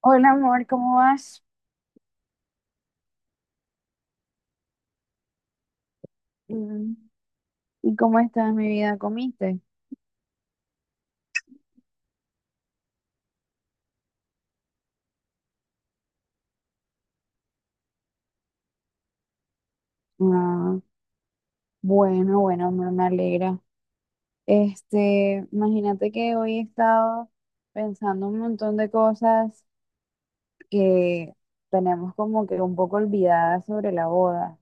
Hola, amor, ¿cómo vas? Mm. ¿Y cómo estás, mi vida? ¿Comiste? Ah, bueno, bueno, amor, me alegra. Imagínate que hoy he estado pensando un montón de cosas que tenemos como que un poco olvidadas sobre la boda.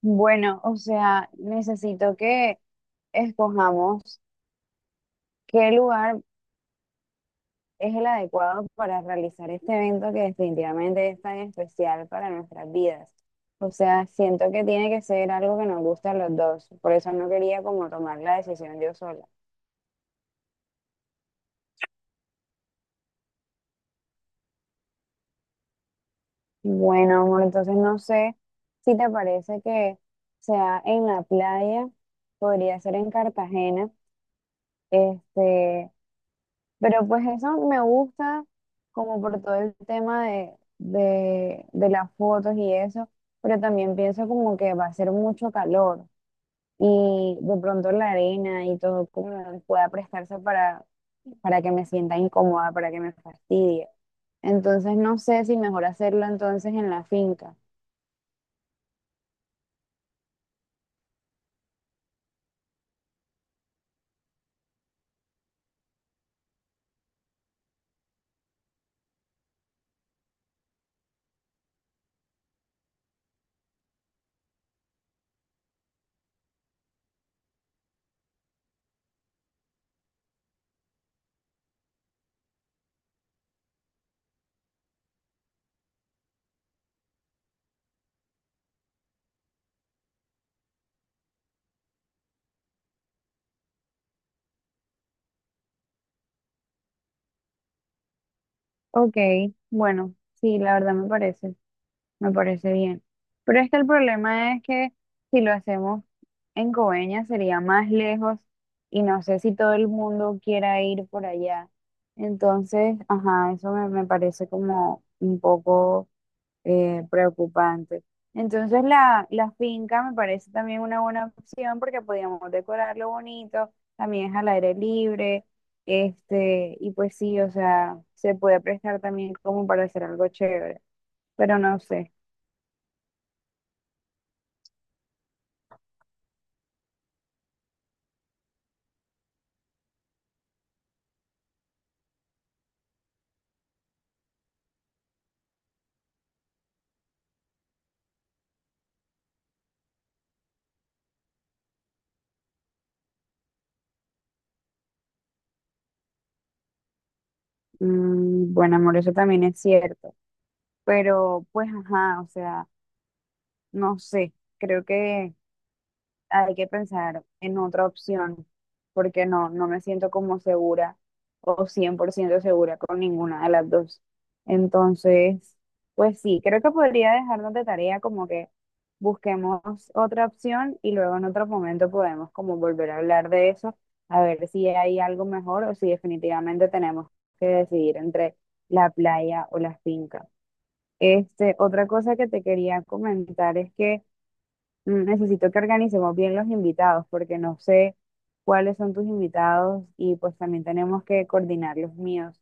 Bueno, o sea, necesito que escojamos qué lugar es el adecuado para realizar este evento que definitivamente es tan especial para nuestras vidas. O sea, siento que tiene que ser algo que nos guste a los dos. Por eso no quería como tomar la decisión yo sola. Bueno, amor, entonces no sé si te parece que sea en la playa, podría ser en Cartagena, este, pero pues eso me gusta como por todo el tema de las fotos y eso, pero también pienso como que va a ser mucho calor, y de pronto la arena y todo como pueda prestarse para que me sienta incómoda, para que me fastidie. Entonces no sé si mejor hacerlo entonces en la finca. Ok, bueno, sí, la verdad me parece bien. Pero es que el problema es que si lo hacemos en Coveñas sería más lejos y no sé si todo el mundo quiera ir por allá. Entonces, ajá, eso me parece como un poco preocupante. Entonces la finca me parece también una buena opción porque podíamos decorarlo bonito, también es al aire libre, y pues sí, o sea, se puede prestar también como para hacer algo chévere, pero no sé. Bueno, amor, eso también es cierto, pero pues ajá, o sea, no sé, creo que hay que pensar en otra opción, porque no, no me siento como segura o 100% segura con ninguna de las dos. Entonces, pues sí, creo que podría dejarnos de tarea como que busquemos otra opción y luego en otro momento podemos como volver a hablar de eso, a ver si hay algo mejor o si definitivamente tenemos que decidir entre la playa o la finca. Otra cosa que te quería comentar es que necesito que organicemos bien los invitados porque no sé cuáles son tus invitados y pues también tenemos que coordinar los míos.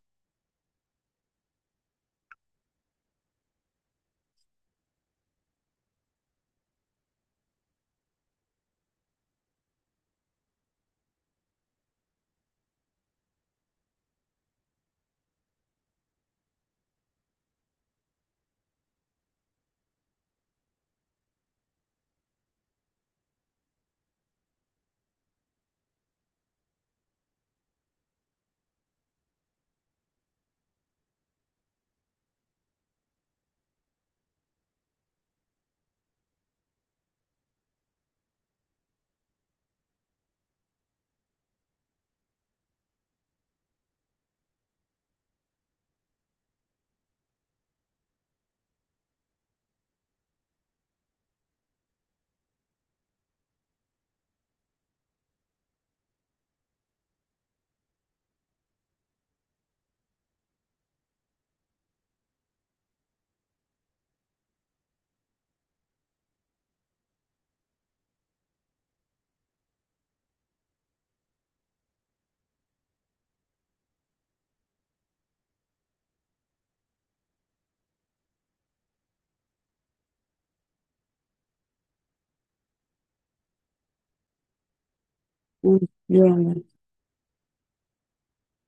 Entiendo,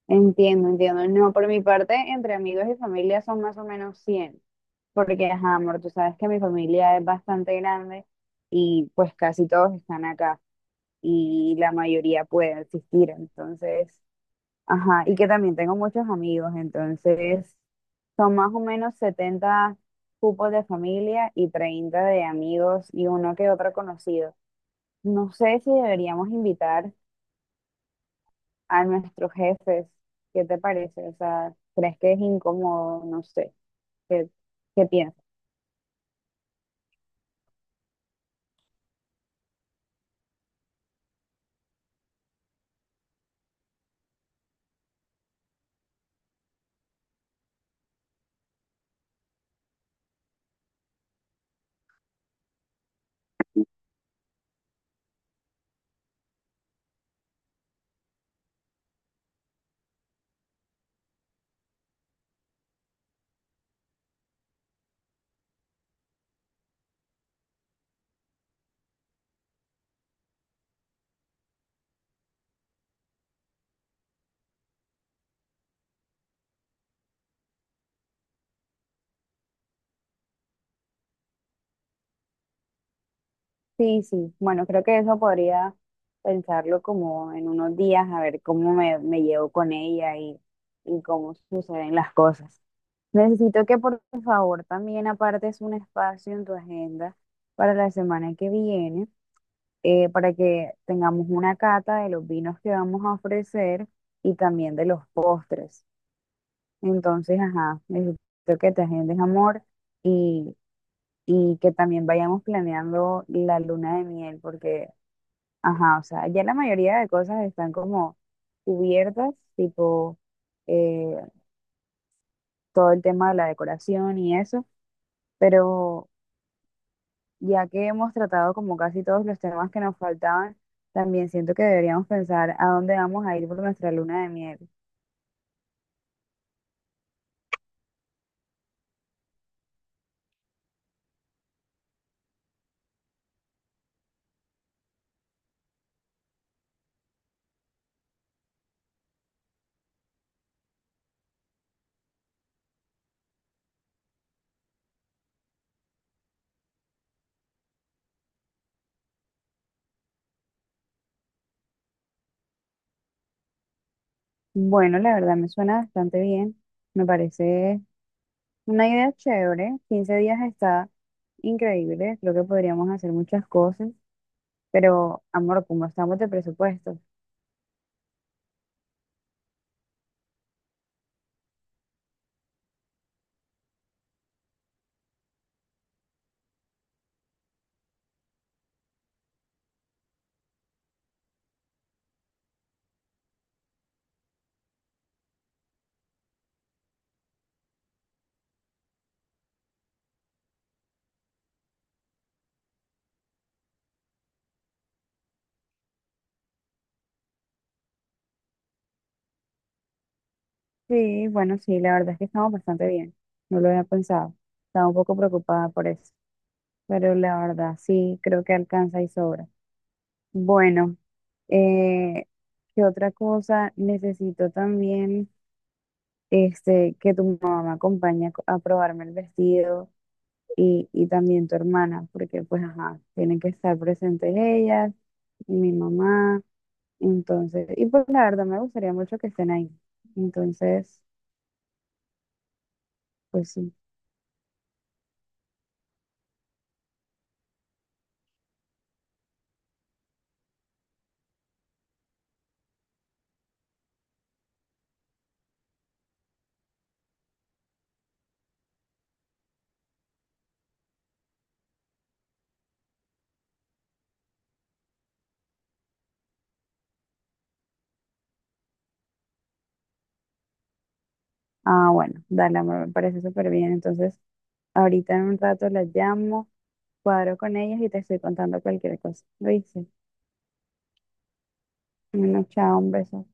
entiendo, entiendo. No, por mi parte, entre amigos y familia son más o menos 100 porque, ajá, amor, tú sabes que mi familia es bastante grande y pues casi todos están acá y la mayoría puede asistir. Entonces, ajá, y que también tengo muchos amigos, entonces son más o menos 70 cupos de familia y 30 de amigos y uno que otro conocido. No sé si deberíamos invitar a nuestros jefes, ¿qué te parece? O sea, ¿crees que es incómodo? No sé, ¿qué, qué piensas? Sí, sí, bueno, creo que eso podría pensarlo como en unos días, a ver cómo me llevo con ella y cómo suceden las cosas. Necesito que por favor también apartes un espacio en tu agenda para la semana que viene, para que tengamos una cata de los vinos que vamos a ofrecer y también de los postres. Entonces, ajá, necesito que te agendes, amor, y, y que también vayamos planeando la luna de miel, porque, ajá, o sea, ya la mayoría de cosas están como cubiertas, tipo eh, todo el tema de la decoración y eso, pero ya que hemos tratado como casi todos los temas que nos faltaban, también siento que deberíamos pensar a dónde vamos a ir por nuestra luna de miel. Bueno, la verdad me suena bastante bien, me parece una idea chévere, 15 días está increíble, creo que podríamos hacer muchas cosas, pero amor, ¿cómo estamos de presupuesto? Sí, bueno, sí, la verdad es que estamos bastante bien, no lo había pensado, estaba un poco preocupada por eso, pero la verdad sí, creo que alcanza y sobra. Bueno, eh, ¿qué otra cosa? Necesito también que tu mamá me acompañe a probarme el vestido y también tu hermana, porque pues ajá, tienen que estar presentes ellas y mi mamá. Entonces, y pues la verdad me gustaría mucho que estén ahí. Entonces, pues sí. Ah, bueno, dale, amor, me parece súper bien. Entonces, ahorita en un rato las llamo, cuadro con ellas y te estoy contando cualquier cosa. Lo hice. Bueno, chao, un beso.